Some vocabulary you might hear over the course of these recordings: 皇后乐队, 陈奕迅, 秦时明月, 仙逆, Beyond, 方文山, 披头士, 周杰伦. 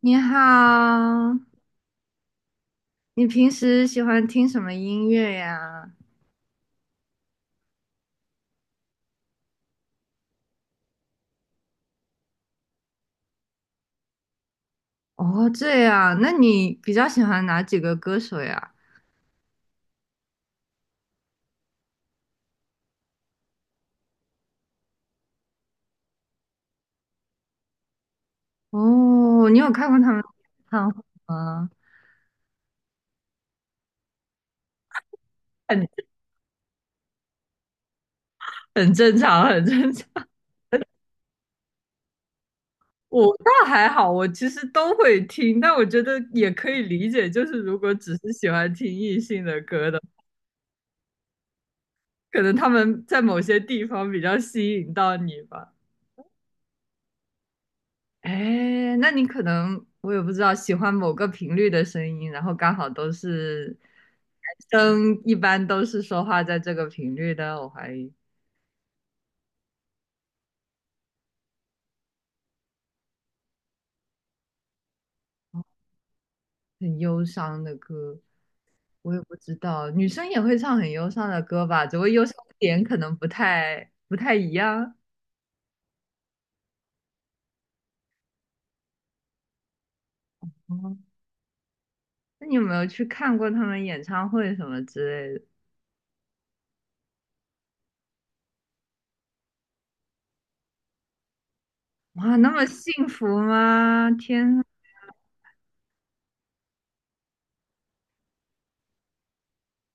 你好，你平时喜欢听什么音乐呀？哦，这样，那你比较喜欢哪几个歌手呀？哦，你有看过他们的演唱会吗？很 很正常，很正常。我倒还好，我其实都会听，但我觉得也可以理解，就是如果只是喜欢听异性的歌的，可能他们在某些地方比较吸引到你吧。哎，那你可能我也不知道，喜欢某个频率的声音，然后刚好都是男生，一般都是说话在这个频率的，我怀疑很忧伤的歌，我也不知道，女生也会唱很忧伤的歌吧，只不过忧伤点可能不太一样。哦，那你有没有去看过他们演唱会什么之类的？哇，那么幸福吗？天呐，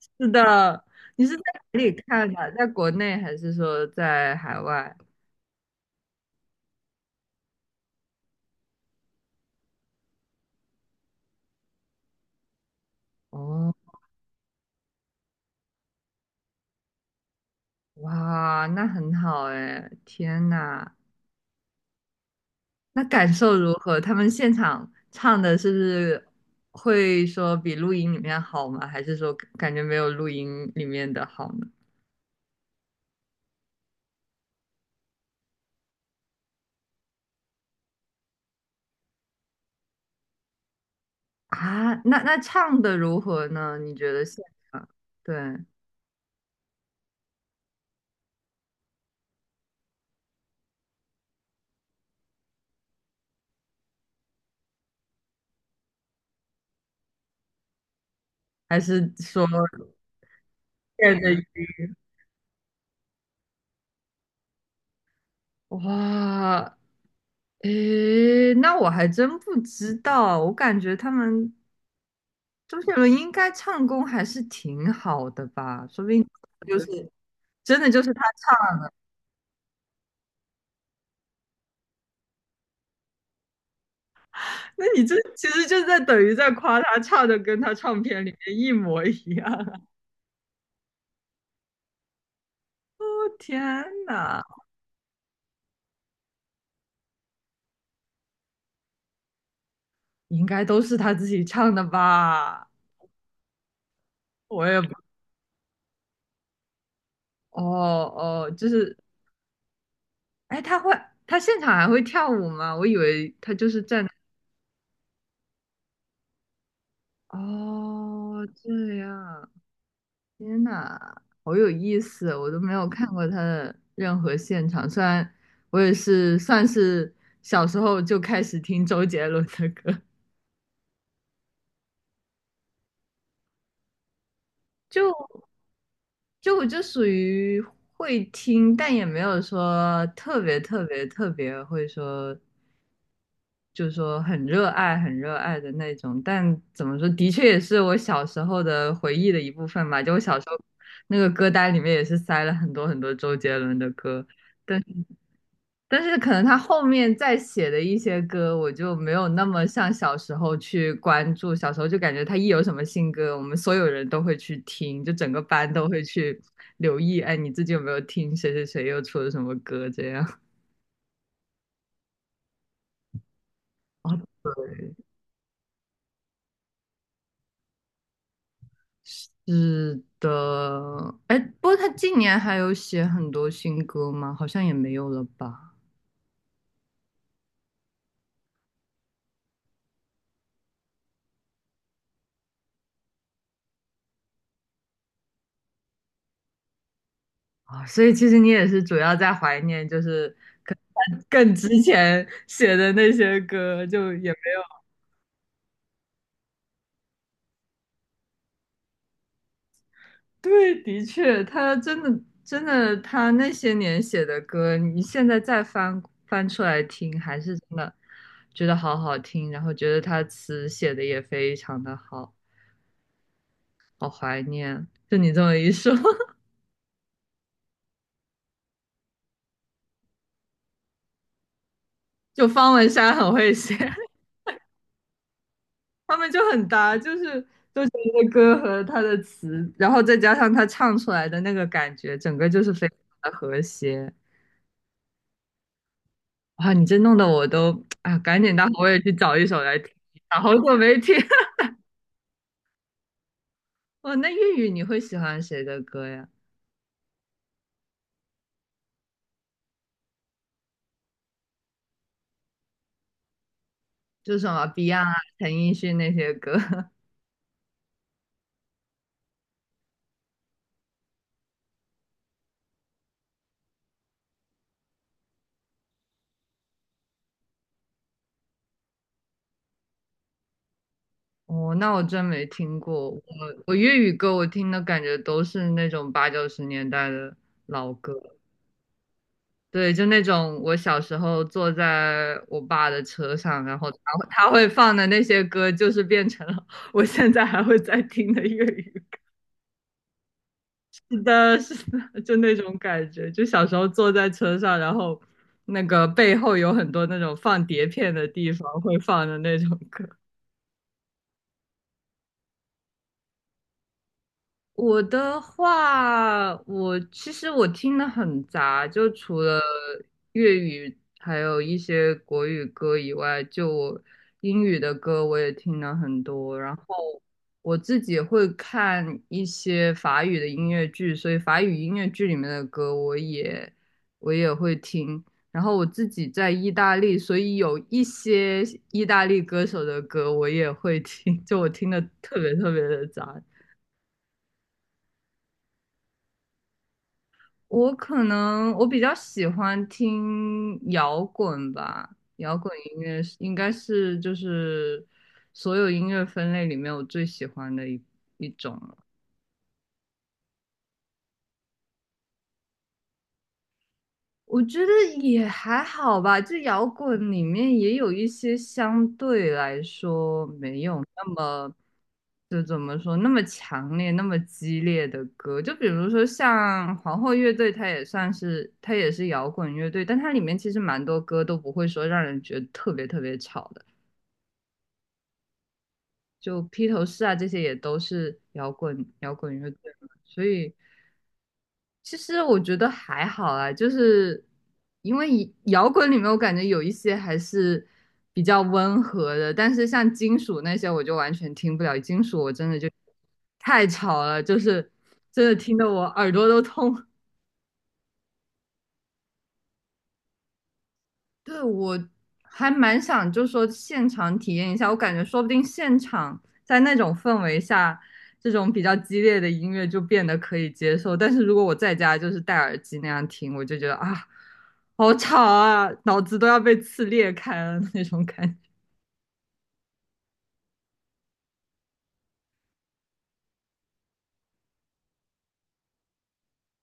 是的，你是在哪里看的？在国内还是说在海外？哦，哇，那很好哎，天呐，那感受如何？他们现场唱的是不是会说比录音里面好吗？还是说感觉没有录音里面的好呢？啊，那那唱的如何呢？你觉得现场，对，还是说 练的鱼哇，诶，那我还真不知道，我感觉他们周杰伦应该唱功还是挺好的吧，说不定就是。真的就是他唱 那你这其实就在等于在夸他唱的跟他唱片里面一模一样。哦天哪，应该都是他自己唱的吧？我也不哦哦，就是，哎，他会，他现场还会跳舞吗？我以为他就是站，哦，这样，天哪，好有意思哦，我都没有看过他的任何现场，虽然我也是算是小时候就开始听周杰伦的歌。就就我就属于会听，但也没有说特别会说，就是说很热爱很热爱的那种。但怎么说，的确也是我小时候的回忆的一部分吧。就我小时候那个歌单里面也是塞了很多很多周杰伦的歌，但是可能他后面再写的一些歌，我就没有那么像小时候去关注。小时候就感觉他一有什么新歌，我们所有人都会去听，就整个班都会去留意。哎，你最近有没有听谁谁谁又出了什么歌？这样。哦，对。是的。哎，不过他近年还有写很多新歌吗？好像也没有了吧。啊，所以其实你也是主要在怀念，就是更之前写的那些歌，就也没有。对，的确，他真的真的，他那些年写的歌，你现在再翻翻出来听，还是真的觉得好好听，然后觉得他词写的也非常的好，好怀念。就你这么一说，就方文山很会写，他们就很搭，就是周杰伦的歌和他的词，然后再加上他唱出来的那个感觉，整个就是非常的和谐。哇，你这弄得我都啊，赶紧待会儿我也去找一首来听，一下，好久没听。哦，那粤语你会喜欢谁的歌呀？就什么 Beyond 啊、陈奕迅那些歌。哦，那我真没听过。我粤语歌我听的感觉都是那种八九十年代的老歌，对，就那种我小时候坐在我爸的车上，然后他会放的那些歌，就是变成了我现在还会在听的粤语 是的，是的，就那种感觉，就小时候坐在车上，然后那个背后有很多那种放碟片的地方会放的那种歌。我的话，我其实听的很杂，就除了粤语还有一些国语歌以外，就我英语的歌我也听了很多，然后。我自己会看一些法语的音乐剧，所以法语音乐剧里面的歌我也会听。然后我自己在意大利，所以有一些意大利歌手的歌我也会听，就我听的特别特别的杂。我可能比较喜欢听摇滚吧，摇滚音乐是应该是就是所有音乐分类里面我最喜欢的一种了。我觉得也还好吧，就摇滚里面也有一些相对来说没有那么，就怎么说，那么强烈、那么激烈的歌。就比如说像皇后乐队，它也算是它也是摇滚乐队，但它里面其实蛮多歌都不会说让人觉得特别特别吵的。就披头士啊，这些也都是摇滚乐队嘛，所以其实我觉得还好啊，就是因为以摇滚里面我感觉有一些还是比较温和的，但是像金属那些我就完全听不了，金属我真的就太吵了，就是真的听得我耳朵都痛。对，我还蛮想，就说现场体验一下。我感觉说不定现场在那种氛围下，这种比较激烈的音乐就变得可以接受。但是如果我在家就是戴耳机那样听，我就觉得啊，好吵啊，脑子都要被刺裂开了那种感觉。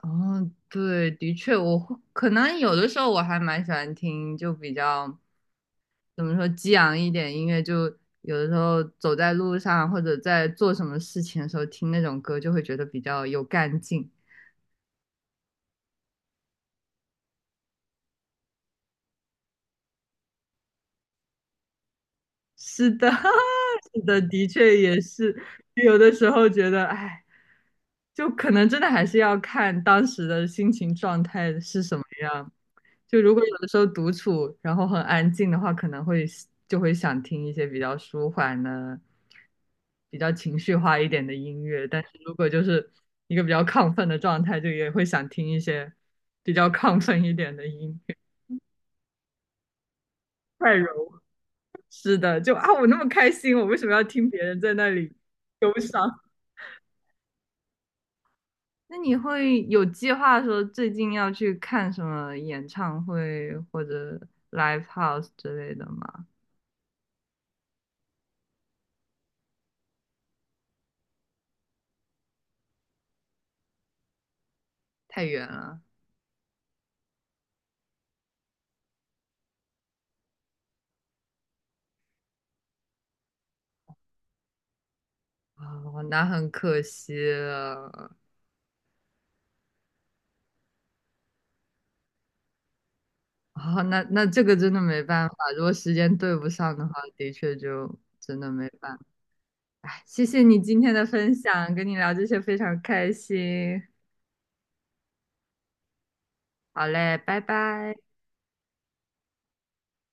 哦，对，的确，我会可能有的时候我还蛮喜欢听，就比较。怎么说激昂一点音乐，就有的时候走在路上或者在做什么事情的时候听那种歌，就会觉得比较有干劲。是的，是的，的确也是。有的时候觉得，哎，就可能真的还是要看当时的心情状态是什么样。就如果有的时候独处，然后很安静的话，可能会就会想听一些比较舒缓的、比较情绪化一点的音乐。但是如果就是一个比较亢奋的状态，就也会想听一些比较亢奋一点的音乐，快柔。是的，就啊，我那么开心，我为什么要听别人在那里忧伤？那你会有计划说最近要去看什么演唱会或者 live house 之类的吗？太远了。哦，那很可惜了。哦，那那这个真的没办法，如果时间对不上的话，的确就真的没办法。哎，谢谢你今天的分享，跟你聊这些非常开心。好嘞，拜拜。